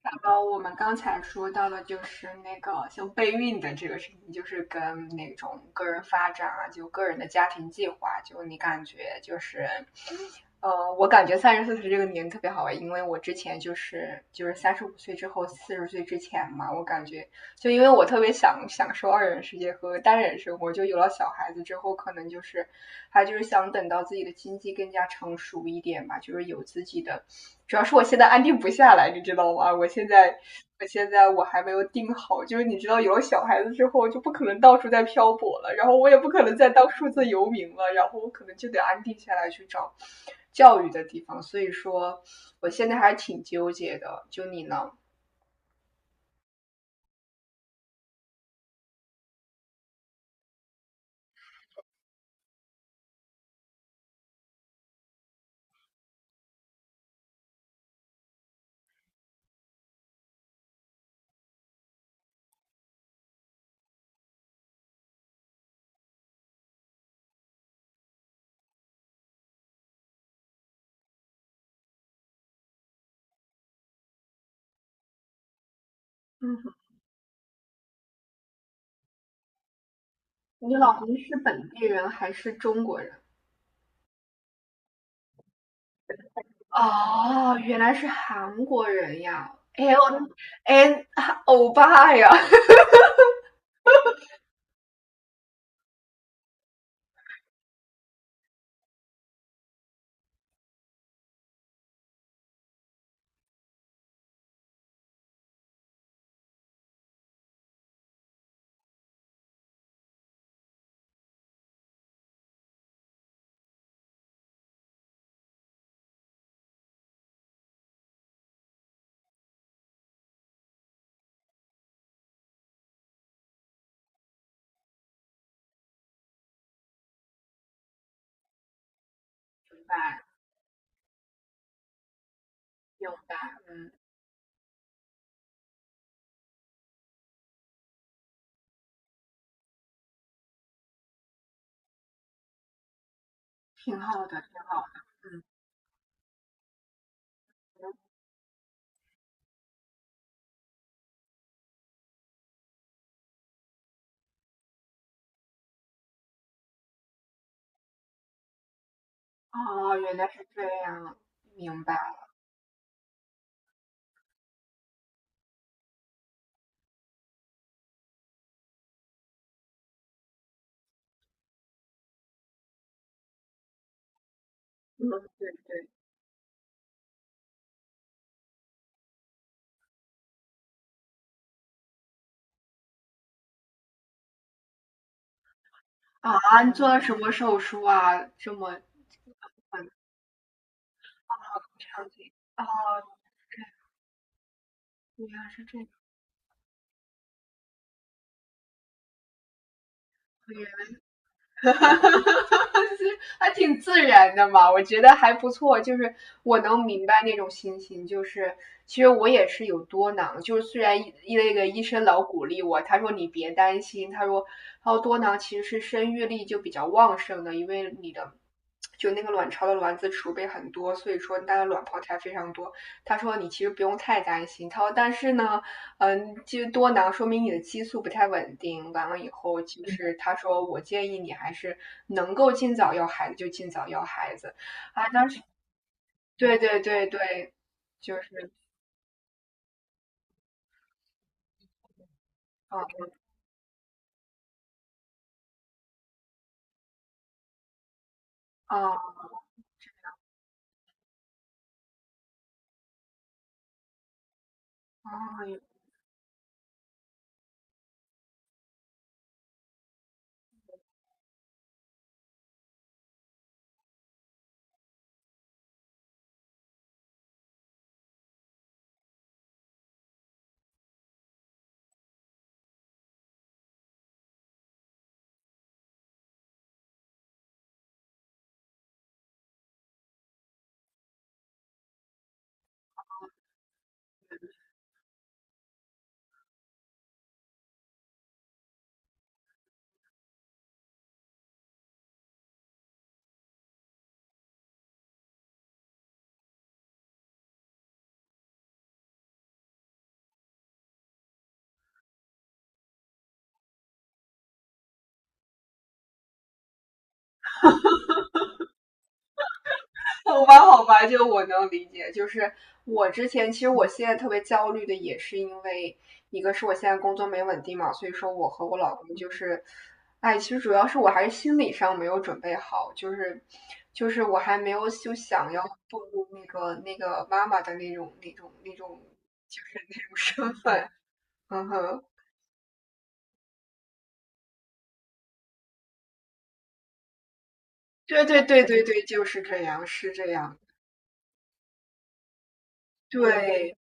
然后我们刚才说到的就是那个像备孕的这个事情，就是跟那种个人发展啊，就个人的家庭计划，就你感觉就是，我感觉34岁这个年龄特别好玩，因为我之前就是三十五岁之后40岁之前嘛，我感觉就因为我特别想享受二人世界和单人生活，就有了小孩子之后，可能就是还就是想等到自己的经济更加成熟一点吧，就是有自己的主要是我现在安定不下来，你知道吗？我现在我还没有定好，就是你知道有了小孩子之后，就不可能到处在漂泊了，然后我也不可能再当数字游民了，然后我可能就得安定下来去找教育的地方。所以说，我现在还挺纠结的。就你呢？你老公是本地人还是中国人？哦，原来是韩国人呀！哎呦，哎，欧巴呀！明白，明白，嗯。挺好的，挺好的，嗯。哦，原来是这样，明白，嗯。对对，啊，你做了什么手术啊？这么，很长久。哦，原来是这样。哈哈哈哈还挺自然的嘛，我觉得还不错。就是我能明白那种心情，就是其实我也是有多囊，就是虽然医那个医生老鼓励我，他说你别担心，他说多囊其实是生育力就比较旺盛的，因为你的就那个卵巢的卵子储备很多，所以说它的卵泡才非常多。他说你其实不用太担心，他说但是呢，嗯，其实多囊说明你的激素不太稳定。完了以后，其实他说我建议你还是能够尽早要孩子就尽早要孩子。啊，当时对对对对，就是嗯啊啊，好吧，好吧，就我能理解。就是我之前，其实我现在特别焦虑的，也是因为一个是我现在工作没稳定嘛，所以说我和我老公就是，哎，其实主要是我还是心理上没有准备好，就是我还没有就想要步入那个妈妈的那种，就是那种身份。嗯哼，对对对对对，就是这样，是这样，对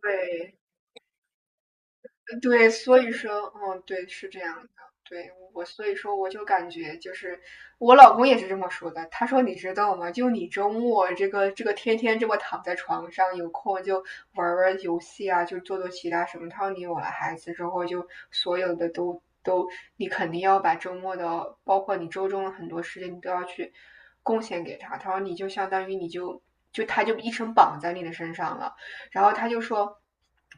对。对，所以说，嗯，对，是这样的，对我，所以说我就感觉就是我老公也是这么说的，他说你知道吗？就你周末这个天天这么躺在床上，有空就玩玩游戏啊，就做做其他什么。他说你有了孩子之后，就所有的都，你肯定要把周末的，包括你周中的很多时间，你都要去贡献给他。他说你就相当于你就一生绑在你的身上了。然后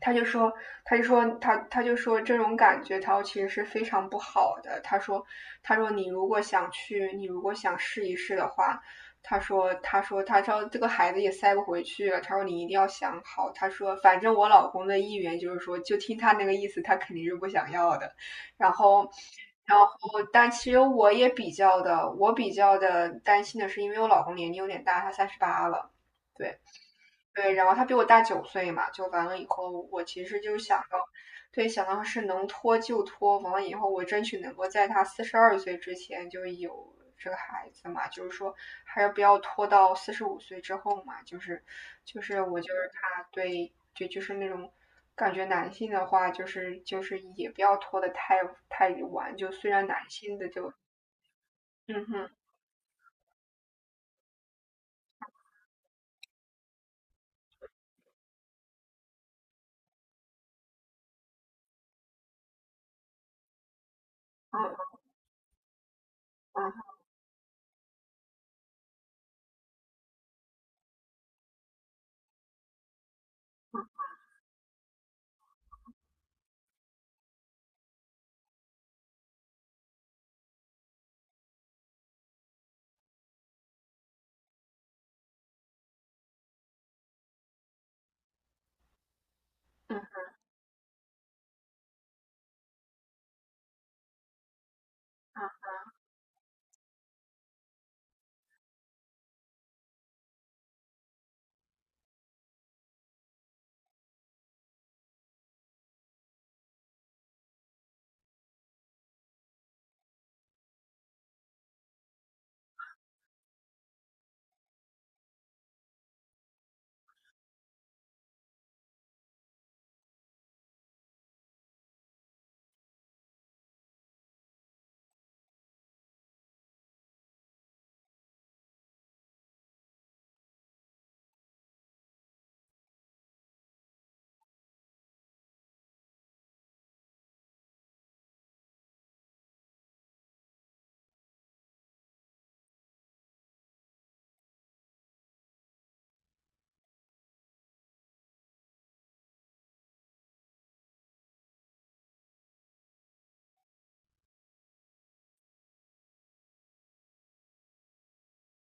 他就说，他就说这种感觉他其实是非常不好的。他说你如果想去，你如果想试一试的话，他说这个孩子也塞不回去了。他说你一定要想好。他说，反正我老公的意愿就是说，就听他那个意思，他肯定是不想要的。然后。然后，但其实我也比较的，我比较的担心的是，因为我老公年龄有点大，他38了，对。对，然后他比我大9岁嘛，就完了以后，我其实就想到，对，想到是能拖就拖，完了以后我争取能够在他42岁之前就有这个孩子嘛，就是说还是不要拖到45岁之后嘛，就是我就是怕对，就是那种感觉男性的话，就是也不要拖得太晚，就虽然男性的就嗯哼嗯嗯嗯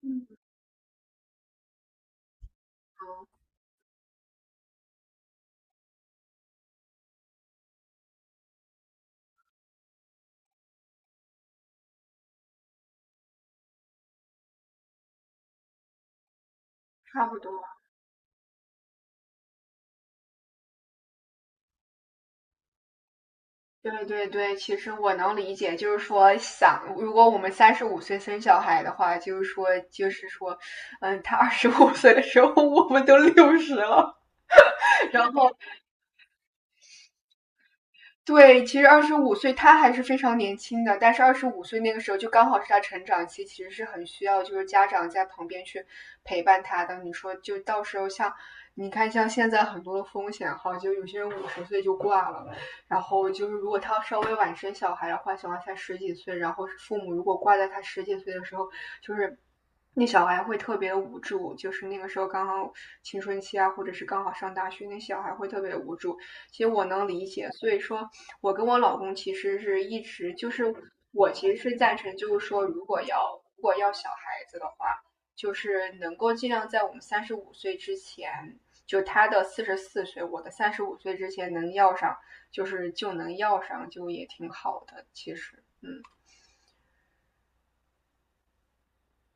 嗯，差不多。对对对，其实我能理解，就是说想，如果我们三十五岁生小孩的话，嗯，他二十五岁的时候，我们都60了，然后对，其实二十五岁他还是非常年轻的，但是二十五岁那个时候就刚好是他成长期，其实是很需要就是家长在旁边去陪伴他的。你说就到时候像你看像现在很多的风险哈，就有些人50岁就挂了，然后就是如果他稍微晚生小孩的话，小孩才十几岁，然后父母如果挂在他十几岁的时候，就是那小孩会特别无助，就是那个时候刚好青春期啊，或者是刚好上大学，那小孩会特别无助。其实我能理解，所以说我跟我老公其实是一直就是我其实是赞成，就是说如果要小孩子的话，就是能够尽量在我们三十五岁之前，就他的44岁，我的三十五岁之前能要上，就能要上，就也挺好的，其实，嗯。